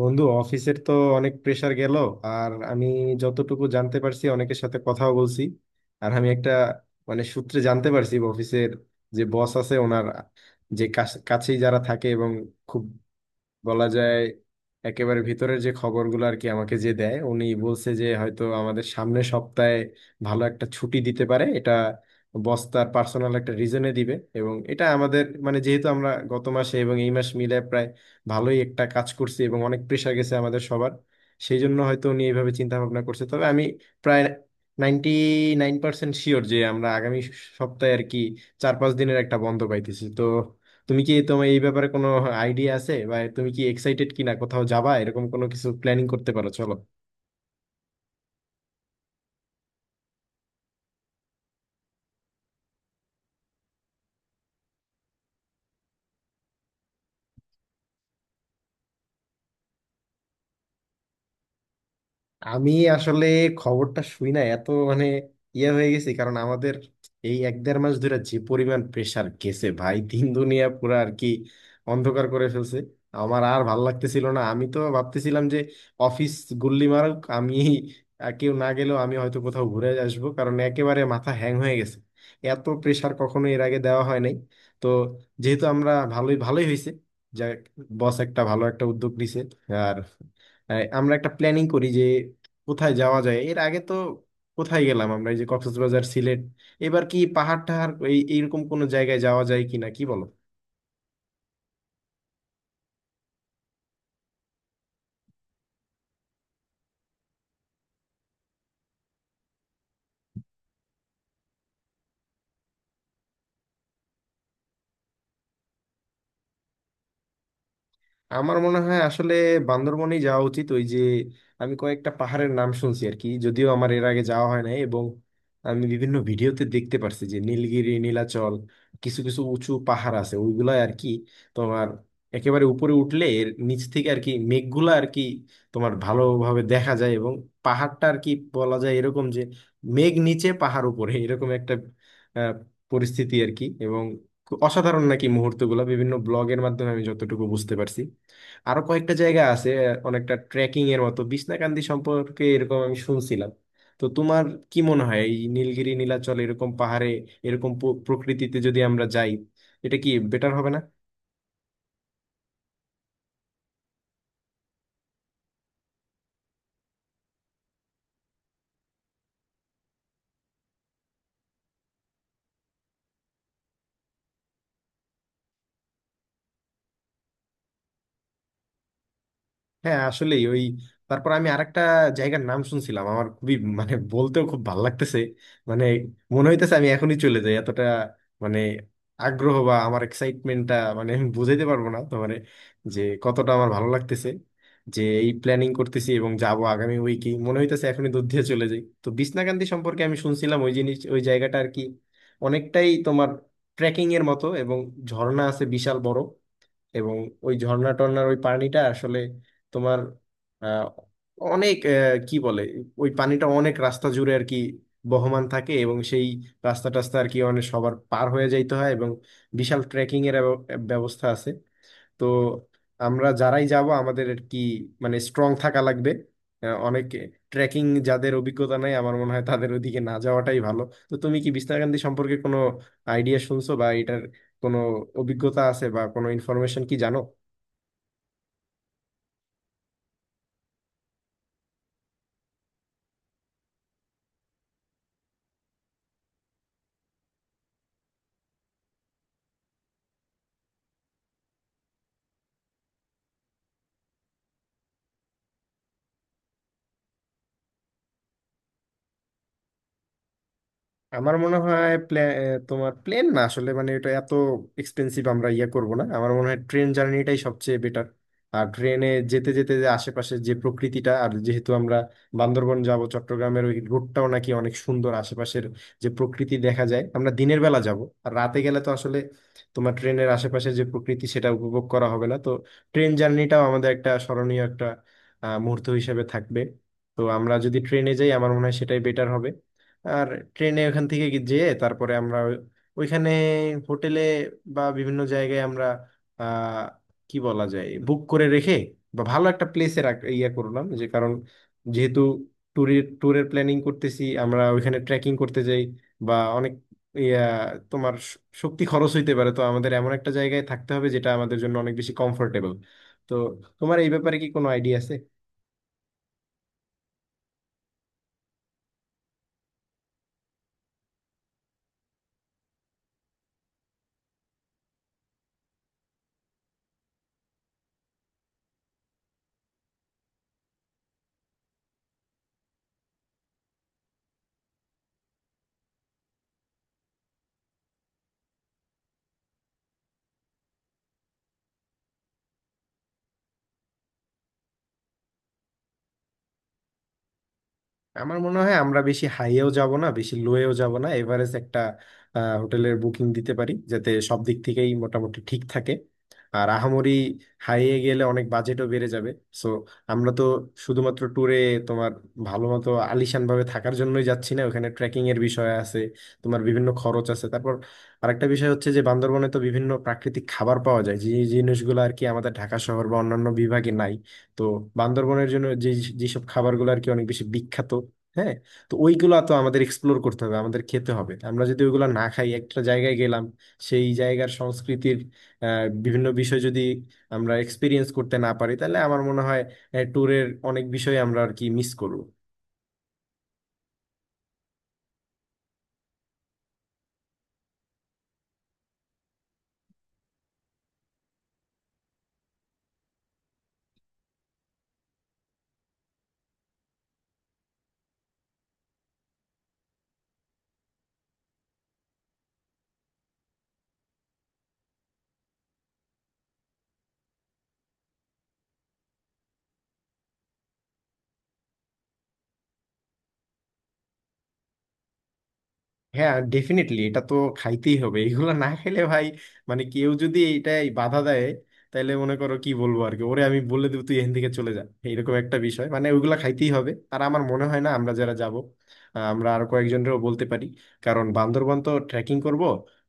বন্ধু, অফিসের তো অনেক প্রেসার গেল। আর আমি যতটুকু জানতে পারছি, অনেকের সাথে কথাও বলছি। আর আমি একটা মানে সূত্রে জানতে পারছি, অফিসের যে বস আছে ওনার যে কাছেই যারা থাকে এবং খুব, বলা যায়, একেবারে ভিতরের যে খবরগুলো আর কি আমাকে যে দেয়, উনি বলছে যে হয়তো আমাদের সামনের সপ্তাহে ভালো একটা ছুটি দিতে পারে। এটা বস তার পার্সোনাল একটা রিজনে দিবে, এবং এটা আমাদের মানে যেহেতু আমরা গত মাসে এবং এই মাস মিলে প্রায় ভালোই একটা কাজ করছি এবং অনেক প্রেশার গেছে আমাদের সবার, সেই জন্য হয়তো উনি এইভাবে চিন্তা ভাবনা করছে। তবে আমি প্রায় 99% শিওর যে আমরা আগামী সপ্তাহে আর কি 4 5 দিনের একটা বন্ধ পাইতেছি। তো তুমি কি, তোমার এই ব্যাপারে কোনো আইডিয়া আছে, বা তুমি কি এক্সাইটেড কিনা, কোথাও যাবা এরকম কোনো কিছু প্ল্যানিং করতে পারো, চলো। আমি আসলে খবরটা শুই না এত, মানে ইয়ে হয়ে গেছি, কারণ আমাদের এই 1 দেড় মাস ধরে যে পরিমাণ প্রেসার গেছে ভাই, দিন দুনিয়া পুরো আর কি অন্ধকার করে ফেলছে। আমার আর ভাল লাগতেছিল না, আমি তো ভাবতেছিলাম যে অফিস গুল্লি মারুক, আমি আর কেউ না গেলেও আমি হয়তো কোথাও ঘুরে আসবো, কারণ একেবারে মাথা হ্যাং হয়ে গেছে। এত প্রেসার কখনো এর আগে দেওয়া হয় নাই। তো যেহেতু আমরা ভালোই ভালোই হয়েছে যা, বস একটা ভালো একটা উদ্যোগ নিছে, আর আমরা একটা প্ল্যানিং করি যে কোথায় যাওয়া যায়। এর আগে তো কোথায় গেলাম আমরা, এই যে কক্সবাজার সিলেট, এবার কি পাহাড় টাহাড় এই এইরকম কোনো জায়গায় যাওয়া যায় কিনা, কি বলো। আমার মনে হয় আসলে বান্দরবনেই যাওয়া উচিত। ওই যে আমি কয়েকটা পাহাড়ের নাম শুনছি আর কি, যদিও আমার এর আগে যাওয়া হয় নাই, এবং আমি বিভিন্ন ভিডিওতে দেখতে পারছি যে নীলগিরি, নীলাচল, কিছু কিছু উঁচু পাহাড় আছে ওইগুলা আর কি, তোমার একেবারে উপরে উঠলে এর নিচ থেকে আর কি মেঘগুলা আর কি তোমার ভালোভাবে দেখা যায়, এবং পাহাড়টা আর কি বলা যায় এরকম যে মেঘ নিচে পাহাড় উপরে এরকম একটা আহ, পরিস্থিতি আর কি। এবং অসাধারণ নাকি মুহূর্তগুলো, বিভিন্ন ব্লগের মাধ্যমে আমি যতটুকু বুঝতে পারছি। আরো কয়েকটা জায়গা আছে, অনেকটা ট্রেকিং এর মতো, বিছনাকান্দি সম্পর্কে এরকম আমি শুনছিলাম। তো তোমার কি মনে হয় এই নীলগিরি নীলাচল এরকম পাহাড়ে, এরকম প্রকৃতিতে যদি আমরা যাই, এটা কি বেটার হবে না? হ্যাঁ, আসলেই ওই। তারপর আমি আরেকটা জায়গার নাম শুনছিলাম, আমার খুবই মানে বলতেও খুব ভালো লাগতেছে। মানে মনে হইতেছে আমি এখনই চলে যাই, এতটা মানে আগ্রহ বা আমার এক্সাইটমেন্টটা, মানে আমি বুঝাইতে পারবো না তোমার যে কতটা আমার ভালো লাগতেছে যে এই প্ল্যানিং করতেছি এবং যাব আগামী উইকে। মনে হইতেছে এখনই দূর দিয়ে চলে যাই। তো বিছনাকান্দি সম্পর্কে আমি শুনছিলাম, ওই জিনিস ওই জায়গাটা আর কি অনেকটাই তোমার ট্রেকিং এর মতো, এবং ঝর্ণা আছে বিশাল বড়, এবং ওই ঝর্ণা টর্ণার ওই পানিটা আসলে তোমার আহ, অনেক কি বলে, ওই পানিটা অনেক রাস্তা জুড়ে আর কি বহমান থাকে, এবং সেই রাস্তা টাস্তা আর কি অনেক সবার পার হয়ে যাইতে হয়, এবং বিশাল ট্রেকিং এর ব্যবস্থা আছে। তো আমরা যারাই যাব আমাদের আর কি মানে স্ট্রং থাকা লাগবে। অনেক ট্রেকিং, যাদের অভিজ্ঞতা নাই, আমার মনে হয় তাদের ওদিকে না যাওয়াটাই ভালো। তো তুমি কি বিস্তারকান্দি সম্পর্কে কোনো আইডিয়া শুনছো, বা এটার কোনো অভিজ্ঞতা আছে, বা কোনো ইনফরমেশন কি জানো? আমার মনে হয় তোমার প্লেন না, আসলে মানে এটা এত এক্সপেন্সিভ, আমরা ইয়ে করব না। আমার মনে হয় ট্রেন জার্নিটাই সবচেয়ে বেটার। আর ট্রেনে যেতে যেতে যে আশেপাশে যে প্রকৃতিটা, আর যেহেতু আমরা বান্দরবন যাব, চট্টগ্রামের ওই রুটটাও নাকি অনেক সুন্দর, আশেপাশের যে প্রকৃতি দেখা যায়। আমরা দিনের বেলা যাব, আর রাতে গেলে তো আসলে তোমার ট্রেনের আশেপাশে যে প্রকৃতি সেটা উপভোগ করা হবে না। তো ট্রেন জার্নিটাও আমাদের একটা স্মরণীয় একটা মুহূর্ত হিসেবে থাকবে। তো আমরা যদি ট্রেনে যাই আমার মনে হয় সেটাই বেটার হবে। আর ট্রেনে ওখান থেকে যেয়ে তারপরে আমরা ওইখানে হোটেলে বা বিভিন্ন জায়গায় আমরা আহ কি বলা যায় বুক করে রেখে, বা ভালো একটা প্লেসে ইয়া করলাম, যে কারণ যেহেতু ট্যুরের ট্যুরের প্ল্যানিং করতেছি, আমরা ওইখানে ট্রেকিং করতে যাই বা অনেক ইয়া তোমার শক্তি খরচ হইতে পারে, তো আমাদের এমন একটা জায়গায় থাকতে হবে যেটা আমাদের জন্য অনেক বেশি কমফোর্টেবল। তো তোমার এই ব্যাপারে কি কোনো আইডিয়া আছে? আমার মনে হয় আমরা বেশি হাইয়েও যাব না, বেশি লোয়েও যাব না, এভারেজ একটা হোটেলের বুকিং দিতে পারি যাতে সব দিক থেকেই মোটামুটি ঠিক থাকে। আর আহামরি হাইয়ে গেলে অনেক বাজেটও বেড়ে যাবে। সো আমরা তো শুধুমাত্র ট্যুরে তোমার ভালো মতো আলিশান ভাবে থাকার জন্যই যাচ্ছি না, ওখানে ট্রেকিং এর বিষয় আছে, তোমার বিভিন্ন খরচ আছে। তারপর আরেকটা বিষয় হচ্ছে যে বান্দরবনে তো বিভিন্ন প্রাকৃতিক খাবার পাওয়া যায়, যে জিনিসগুলো আর কি আমাদের ঢাকা শহর বা অন্যান্য বিভাগে নাই। তো বান্দরবনের জন্য যে যেসব খাবারগুলো আর কি অনেক বেশি বিখ্যাত, হ্যাঁ, তো ওইগুলা তো আমাদের এক্সপ্লোর করতে হবে, আমাদের খেতে হবে। আমরা যদি ওইগুলা না খাই, একটা জায়গায় গেলাম, সেই জায়গার সংস্কৃতির বিভিন্ন বিষয় যদি আমরা এক্সপিরিয়েন্স করতে না পারি, তাহলে আমার মনে হয় ট্যুরের অনেক বিষয় আমরা আর কি মিস করব। হ্যাঁ, ডেফিনেটলি, এটা তো খাইতেই হবে, এগুলো না খেলে ভাই, মানে কেউ যদি এইটাই বাধা দেয়, তাহলে মনে করো কি বলবো আর কি, ওরে আমি বলে দেবো তুই এখান থেকে চলে যা, এইরকম একটা বিষয়। মানে ওইগুলা খাইতেই হবে। আর আমার মনে হয় না, আমরা যারা যাব, আমরা আর কয়েকজনেরও বলতে পারি, কারণ বান্দরবান তো ট্রেকিং করব,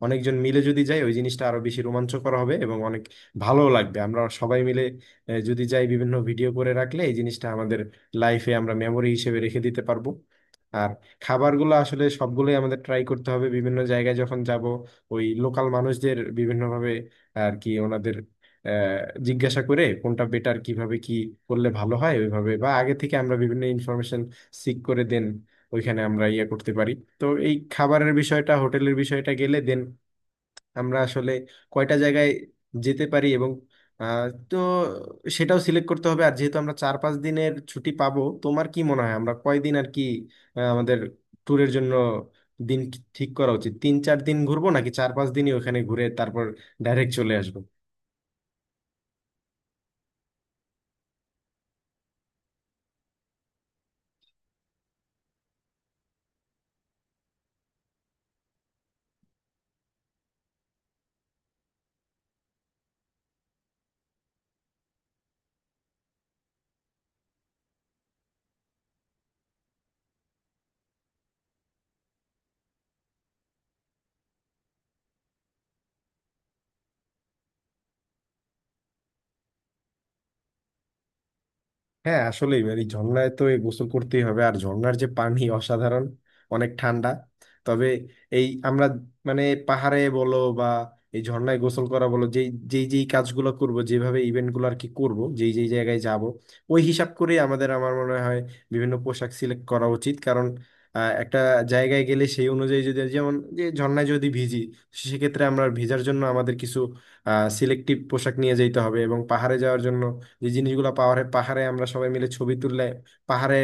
অনেকজন মিলে যদি যাই ওই জিনিসটা আরো বেশি রোমাঞ্চকর হবে, এবং অনেক ভালোও লাগবে। আমরা সবাই মিলে যদি যাই, বিভিন্ন ভিডিও করে রাখলে এই জিনিসটা আমাদের লাইফে আমরা মেমরি হিসেবে রেখে দিতে পারবো। আর খাবারগুলো আসলে সবগুলোই আমাদের ট্রাই করতে হবে। বিভিন্ন জায়গায় যখন যাব, ওই লোকাল মানুষদের বিভিন্নভাবে আর কি ওনাদের জিজ্ঞাসা করে কোনটা বেটার, কিভাবে কি করলে ভালো হয়, ওইভাবে, বা আগে থেকে আমরা বিভিন্ন ইনফরমেশন সিক করে দেন ওইখানে আমরা ইয়ে করতে পারি। তো এই খাবারের বিষয়টা, হোটেলের বিষয়টা গেলে দেন আমরা আসলে কয়টা জায়গায় যেতে পারি, এবং তো সেটাও সিলেক্ট করতে হবে। আর যেহেতু আমরা 4 5 দিনের ছুটি পাবো, তোমার কি মনে হয় আমরা কয়দিন আর কি আমাদের ট্যুরের জন্য দিন ঠিক করা উচিত? 3 4 দিন ঘুরবো, নাকি 4 5 দিনই ওখানে ঘুরে তারপর ডাইরেক্ট চলে আসবো? হ্যাঁ আসলে, এই ঝর্ণায় তো এই গোসল করতেই হবে, আর ঝর্ণার যে পানি অসাধারণ, অনেক ঠান্ডা। তবে এই আমরা মানে পাহাড়ে বলো বা এই ঝর্ণায় গোসল করা বলো, যেই যেই যেই কাজগুলো করব, যেভাবে ইভেন্টগুলো আর কি করব, যেই যেই জায়গায় যাব, ওই হিসাব করে আমাদের আমার মনে হয় বিভিন্ন পোশাক সিলেক্ট করা উচিত, কারণ একটা জায়গায় গেলে সেই অনুযায়ী যদি যেমন যে ঝর্ণায় যদি ভিজি, সেক্ষেত্রে আমরা ভিজার জন্য আমাদের কিছু সিলেক্টিভ পোশাক নিয়ে যেতে হবে। এবং পাহাড়ে যাওয়ার জন্য যে জিনিসগুলো, পাহাড়ে পাহাড়ে আমরা সবাই মিলে ছবি তুললে, পাহাড়ে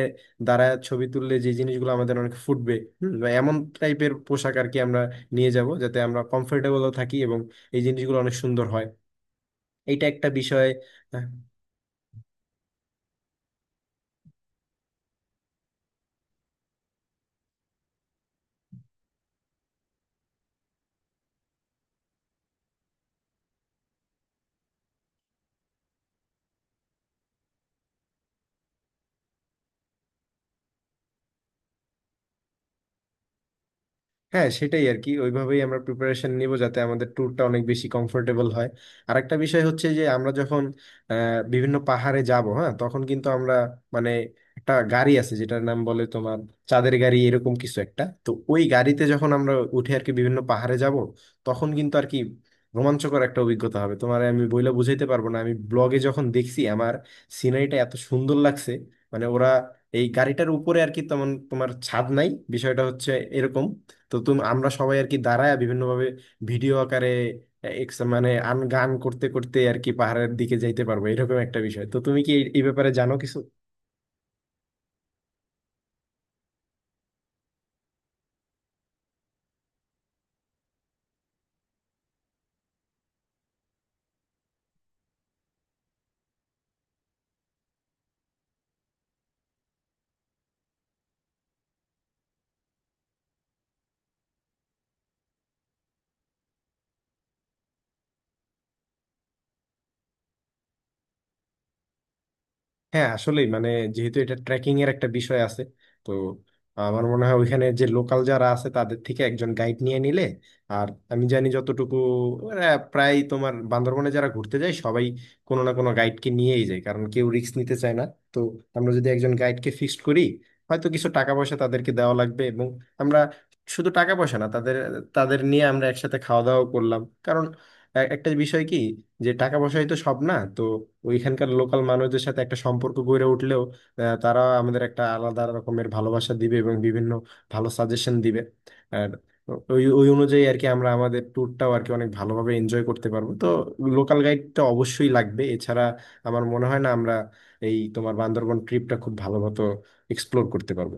দাঁড়ায় ছবি তুললে যে জিনিসগুলো আমাদের অনেক ফুটবে, বা এমন টাইপের পোশাক আর কি আমরা নিয়ে যাব যাতে আমরা কমফোর্টেবলও থাকি এবং এই জিনিসগুলো অনেক সুন্দর হয়। এইটা একটা বিষয়। হ্যাঁ সেটাই আর কি, ওইভাবেই আমরা প্রিপারেশন নিব যাতে আমাদের ট্যুরটা অনেক বেশি কমফোর্টেবল হয়। আর একটা বিষয় হচ্ছে যে আমরা যখন বিভিন্ন পাহাড়ে যাব, হ্যাঁ, তখন কিন্তু আমরা মানে একটা গাড়ি আছে যেটার নাম বলে তোমার চাঁদের গাড়ি, এরকম কিছু একটা। তো ওই গাড়িতে যখন আমরা উঠে আর কি বিভিন্ন পাহাড়ে যাব, তখন কিন্তু আর কি রোমাঞ্চকর একটা অভিজ্ঞতা হবে তোমার, আমি বইলে বুঝাইতে পারবো না। আমি ব্লগে যখন দেখছি আমার সিনারিটা এত সুন্দর লাগছে, মানে ওরা এই গাড়িটার উপরে আর কি তেমন তোমার ছাদ নাই বিষয়টা হচ্ছে এরকম। তো তুমি, আমরা সবাই আর কি দাঁড়ায় বিভিন্নভাবে ভিডিও আকারে এক্স মানে আন গান করতে করতে আর কি পাহাড়ের দিকে যাইতে পারবো, এরকম একটা বিষয়। তো তুমি কি এই এই ব্যাপারে জানো কিছু? হ্যাঁ আসলেই মানে, যেহেতু এটা ট্রেকিং এর একটা বিষয় আছে, তো আমার মনে হয় ওইখানে যে লোকাল যারা আছে, তাদের থেকে একজন গাইড নিয়ে নিলে। আর আমি জানি যতটুকু, ওরা প্রায় তোমার বান্দরবনে যারা ঘুরতে যায় সবাই কোনো না কোনো গাইডকে নিয়েই যায়, কারণ কেউ রিস্ক নিতে চায় না। তো আমরা যদি একজন গাইডকে ফিক্সড করি, হয়তো কিছু টাকা পয়সা তাদেরকে দেওয়া লাগবে। এবং আমরা শুধু টাকা পয়সা না, তাদের, নিয়ে আমরা একসাথে খাওয়া দাওয়া করলাম, একটা বিষয় কি যে টাকা পয়সাই তো সব না। তো ওইখানকার লোকাল মানুষদের সাথে একটা সম্পর্ক গড়ে উঠলেও তারা আমাদের একটা আলাদা রকমের ভালোবাসা দিবে এবং বিভিন্ন ভালো সাজেশন দিবে। আর ওই ওই অনুযায়ী আর কি আমরা আমাদের ট্যুরটাও আর কি অনেক ভালোভাবে এনজয় করতে পারবো। তো লোকাল গাইডটা অবশ্যই লাগবে, এছাড়া আমার মনে হয় না আমরা এই তোমার বান্দরবন ট্রিপটা খুব ভালো মতো এক্সপ্লোর করতে পারবো।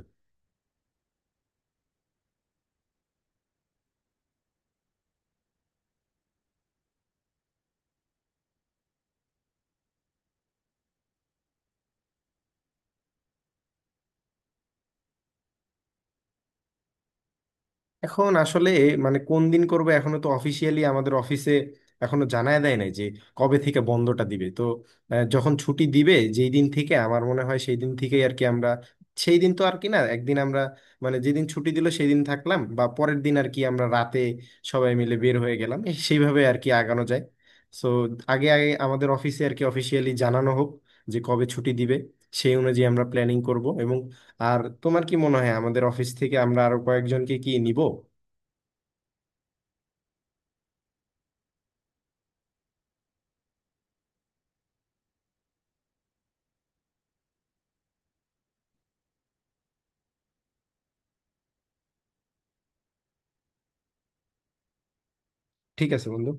এখন আসলে মানে কোন দিন করবে, এখনো তো অফিসিয়ালি আমাদের অফিসে এখনো জানায় দেয় নাই যে কবে থেকে বন্ধটা দিবে। তো যখন ছুটি দিবে, যেই দিন থেকে, আমার মনে হয় সেই দিন থেকেই আর কি আমরা, সেই দিন তো আর কি না, একদিন আমরা মানে যেদিন ছুটি দিল সেই দিন থাকলাম, বা পরের দিন আর কি আমরা রাতে সবাই মিলে বের হয়ে গেলাম, এই সেইভাবে আর কি আগানো যায়। সো আগে আগে আমাদের অফিসে আর কি অফিসিয়ালি জানানো হোক যে কবে ছুটি দিবে, সেই অনুযায়ী আমরা প্ল্যানিং করব। আর তোমার কি মনে হয়, আমাদের অফিস থেকে আমরা আরো কয়েকজনকে কি নিব? ঠিক আছে বন্ধু।